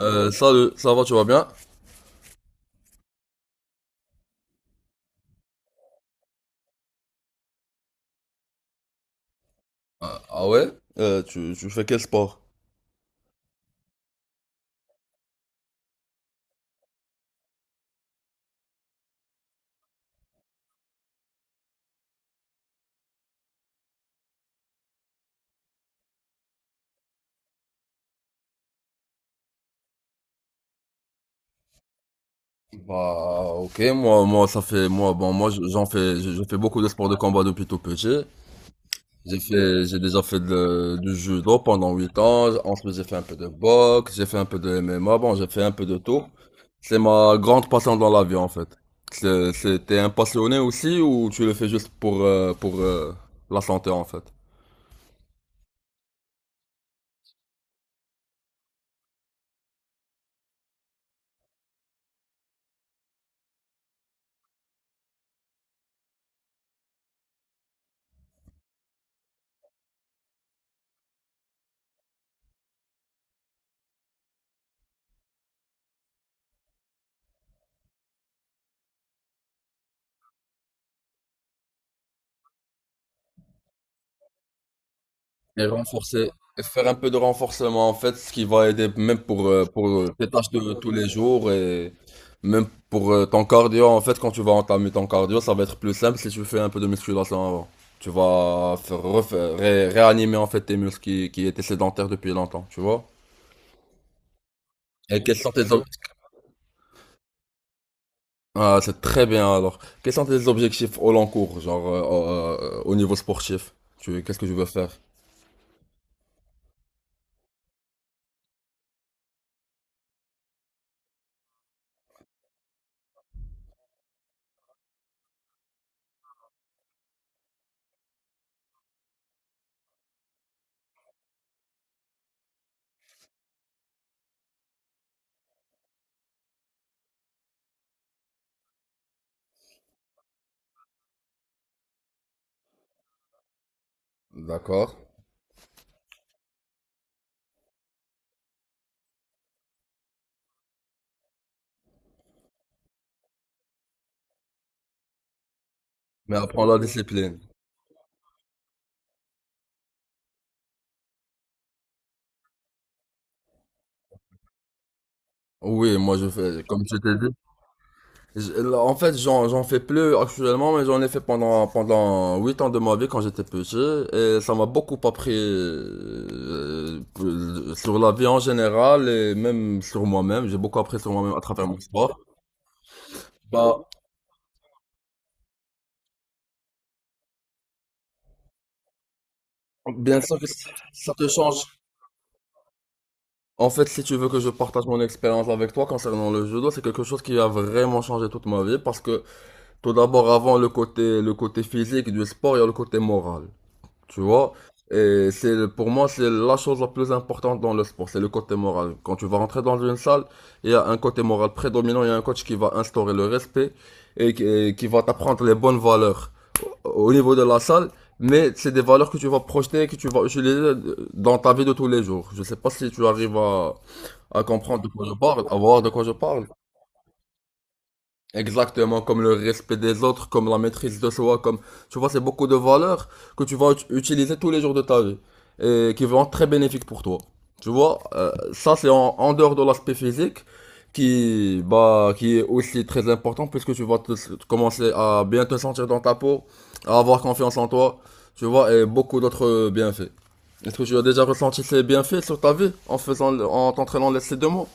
Salut, ça va, tu vas bien? Ah ouais? Tu fais quel sport? Bah, ok, moi, bon, j'en fais, je fais beaucoup de sports de combat depuis tout petit. J'ai déjà fait du judo pendant 8 ans. Ensuite, j'ai fait un peu de boxe, j'ai fait un peu de MMA. Bon, j'ai fait un peu de tout. C'est ma grande passion dans la vie, en fait. T'es un passionné aussi ou tu le fais juste pour, la santé, en fait? Et renforcer, et faire un peu de renforcement en fait, ce qui va aider même pour, tes tâches de tous les jours et même pour ton cardio en fait, quand tu vas entamer ton cardio, ça va être plus simple si tu fais un peu de musculation avant. Tu vas réanimer en fait tes muscles qui étaient sédentaires depuis longtemps, tu vois. Et quels sont tes ob- Ah, c'est très bien alors. Quels sont tes objectifs au long cours, genre, au niveau sportif? Qu'est-ce que tu veux faire? D'accord. Mais apprends la discipline. Oui, moi je fais, comme je t'ai dit. En fait, j'en fais plus actuellement, mais j'en ai fait pendant 8 ans de ma vie quand j'étais petit, et ça m'a beaucoup appris sur la vie en général et même sur moi-même. J'ai beaucoup appris sur moi-même à travers mon sport. Bah, bien sûr que ça te change. En fait, si tu veux que je partage mon expérience avec toi concernant le judo, c'est quelque chose qui a vraiment changé toute ma vie parce que tout d'abord, avant le côté physique du sport, il y a le côté moral. Tu vois, et pour moi c'est la chose la plus importante dans le sport, c'est le côté moral. Quand tu vas rentrer dans une salle, il y a un côté moral prédominant, il y a un coach qui va instaurer le respect et qui va t'apprendre les bonnes valeurs au niveau de la salle, mais c'est des valeurs que tu vas projeter, et que tu vas utiliser dans ta vie de tous les jours. Je sais pas si tu arrives à comprendre de quoi je parle, à voir de quoi je parle. Exactement, comme le respect des autres, comme la maîtrise de soi, comme, tu vois, c'est beaucoup de valeurs que tu vas utiliser tous les jours de ta vie et qui vont être très bénéfiques pour toi. Tu vois, ça c'est en dehors de l'aspect physique qui est aussi très important puisque tu vas commencer à bien te sentir dans ta peau, à avoir confiance en toi, tu vois, et beaucoup d'autres bienfaits. Est-ce que tu as déjà ressenti ces bienfaits sur ta vie en t'entraînant les ces deux mots?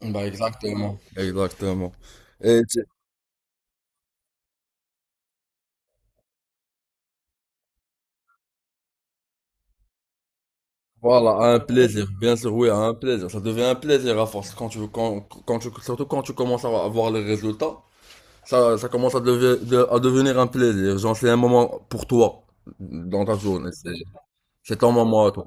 Bah exactement. Exactement. Et Voilà, à un plaisir, bien sûr, oui, à un plaisir. Ça devient un plaisir à force quand tu, quand, quand tu, surtout quand tu commences à avoir les résultats, ça commence à devenir un plaisir. Genre, c'est un moment pour toi dans ta journée. C'est ton moment à toi.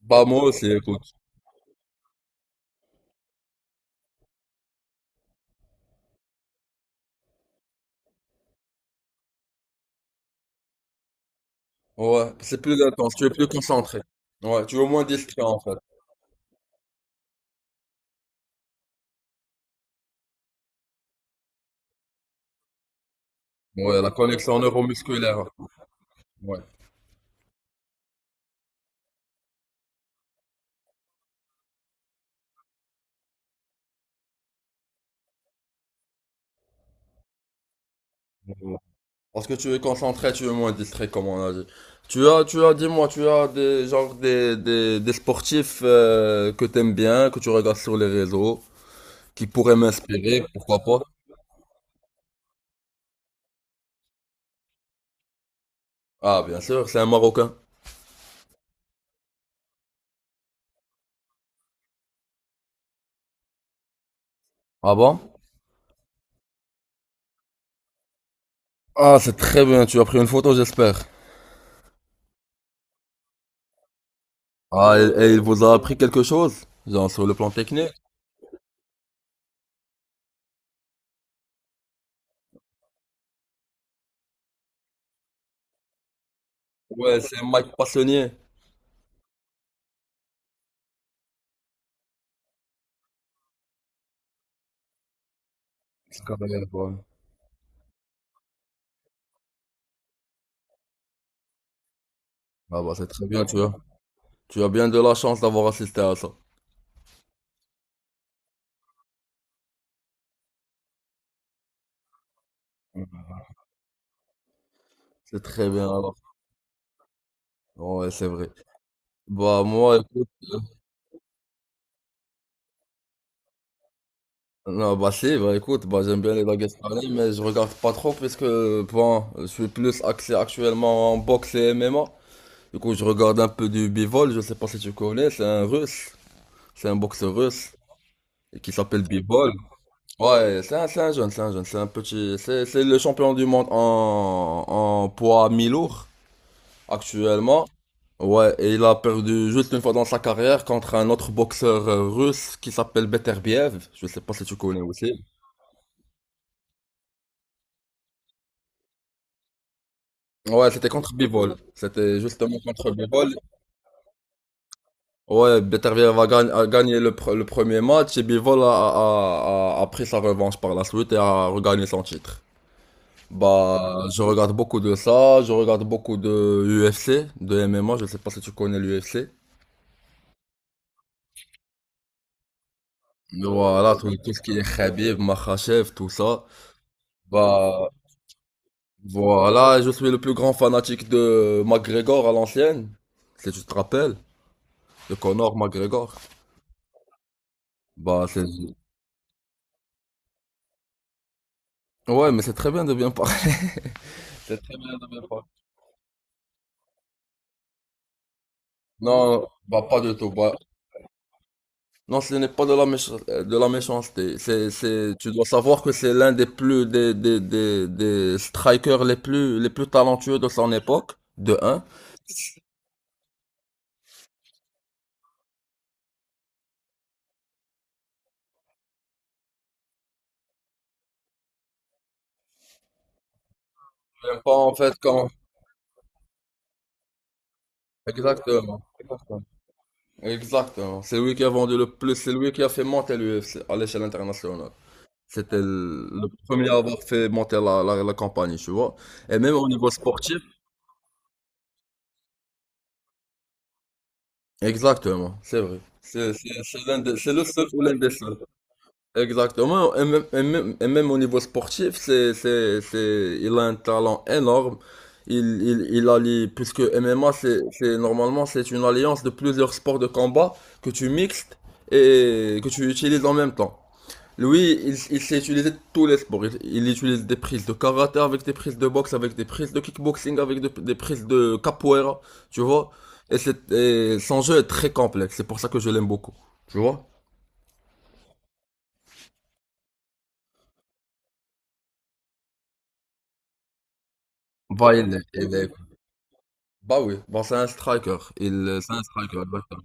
Bah, moi aussi, écoute. Ouais, c'est plus intense, tu es plus concentré. Ouais, tu es moins distrait en fait. Ouais, la connexion neuromusculaire. Ouais. Parce que tu es concentré, tu es moins distrait, comme on a dit. Tu as, dis-moi, tu as des, genre, des sportifs que t'aimes bien, que tu regardes sur les réseaux, qui pourraient m'inspirer, pourquoi pas? Ah, bien sûr, c'est un Marocain. Ah bon? Ah, c'est très bien, tu as pris une photo, j'espère. Ah, et il vous a appris quelque chose, genre sur le plan technique? Ouais, c'est Mike Passonnier. C'est quand même, ouais. Ah bah, c'est très bien. Tu as bien de la chance d'avoir assisté à ça. C'est très bien, alors. Ouais, c'est vrai. Bah, moi, écoute. Non, bah si, bah écoute, bah j'aime bien les baguettes pareilles, mais je regarde pas trop puisque, bon, je suis plus axé actuellement en boxe et MMA. Du coup, je regarde un peu du Bivol, je sais pas si tu connais, c'est un boxeur russe et qui s'appelle Bivol. Ouais, c'est un petit, c'est le champion du monde en poids mi-lourd actuellement. Ouais, et il a perdu juste une fois dans sa carrière contre un autre boxeur russe qui s'appelle Beterbiev, je sais pas si tu connais aussi. Ouais, c'était contre Bivol. C'était justement contre Bivol. Ouais, Beterbiev a gagné le premier match et Bivol a pris sa revanche par la suite et a regagné son titre. Bah, je regarde beaucoup de ça, je regarde beaucoup de UFC, de MMA, je sais pas si tu connais l'UFC. Voilà, tout ce qui est Khabib, Makhachev, tout ça. Bah, voilà, je suis le plus grand fanatique de McGregor à l'ancienne, si tu te rappelles, de Conor McGregor. Bah, c'est Ouais, mais c'est très bien de bien parler. Non, bah pas du tout. Bah, non, ce n'est pas de la de la méchanceté. C'est, tu dois savoir que c'est l'un des plus des strikers les plus talentueux de son époque, de un. J'aime pas en fait quand. Exactement. Exactement. Exactement. C'est lui qui a vendu le plus, c'est lui qui a fait monter l'UFC à l'échelle internationale. C'était le premier à avoir fait monter la compagnie, tu vois. Et même au niveau sportif. Exactement, c'est vrai. C'est le seul ou l'un des seuls. Exactement. Et même, au niveau sportif, il a un talent énorme. Il allie, puisque MMA, normalement, c'est une alliance de plusieurs sports de combat que tu mixtes et que tu utilises en même temps. Lui, il sait utiliser tous les sports. Il utilise des prises de karaté avec des prises de boxe, avec des prises de kickboxing, avec des prises de capoeira, tu vois. Et son jeu est très complexe, c'est pour ça que je l'aime beaucoup, tu vois. Bah, bah oui, bon, c'est un striker. C'est un striker, exactement.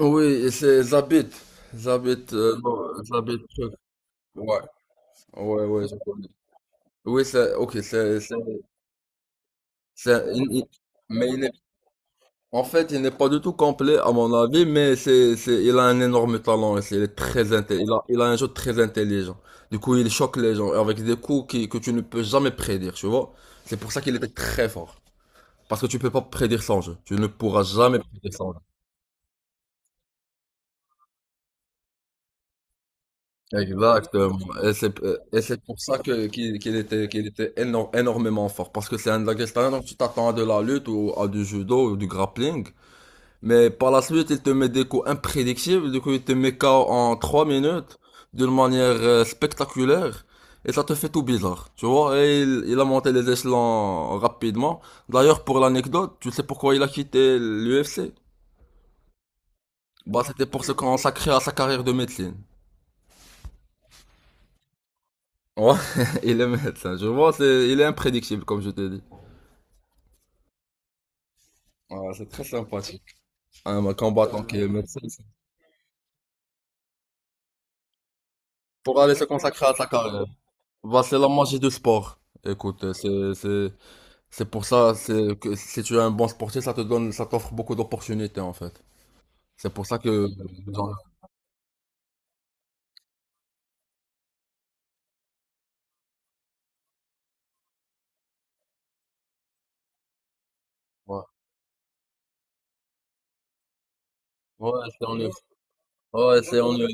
Oui, et c'est Zabit. Zabit, bon, Zabit, truc. Ouais, ouais, ouais, je connais. Oui, c'est, ok, c'est- il- il- mais il est. En fait, il n'est pas du tout complet à mon avis, mais il a un énorme talent et il est très intelligent. Il a un jeu très intelligent. Du coup, il choque les gens avec des coups que tu ne peux jamais prédire, tu vois. C'est pour ça qu'il était très fort. Parce que tu peux pas prédire son jeu. Tu ne pourras jamais prédire. Exactement. Et c'est pour ça que, qu'il, qu'il était éno- énormément fort. Parce que c'est un Dagestanais, donc tu t'attends à de la lutte ou à du judo ou du grappling. Mais par la suite, il te met des coups imprédictibles, du coup il te met KO en 3 minutes, d'une manière spectaculaire, et ça te fait tout bizarre, tu vois, et il a monté les échelons rapidement. D'ailleurs, pour l'anecdote, tu sais pourquoi il a quitté l'UFC? Bah, c'était pour se consacrer à sa carrière de médecine. Ouais, il est médecin, je vois, il est imprédictible, comme je t'ai dit. Ouais, c'est très sympathique. Un combattant qui est médecin, pour aller se consacrer à sa carrière. Bah, c'est la magie du sport. Écoute. C'est que si tu es un bon sportif, ça t'offre beaucoup d'opportunités en fait. C'est pour ça que dans- Ouais, ouais, c'est en Europe. Ouais, c'est en Europe.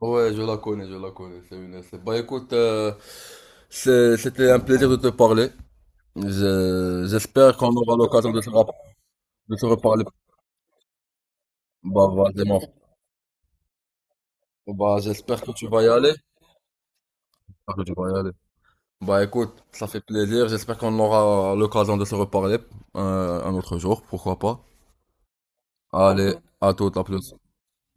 Ouais, je la connais, je la connais. C'est une essai. Bah écoute, c'était un plaisir de te parler. J'espère qu'on aura l'occasion de se reparler. Bah vas-y, mon frère. Bah j'espère que tu vas y aller. J'espère que tu vas y aller. Bah écoute, ça fait plaisir. J'espère qu'on aura l'occasion de se reparler un autre jour, pourquoi pas. Allez, à toute, à plus.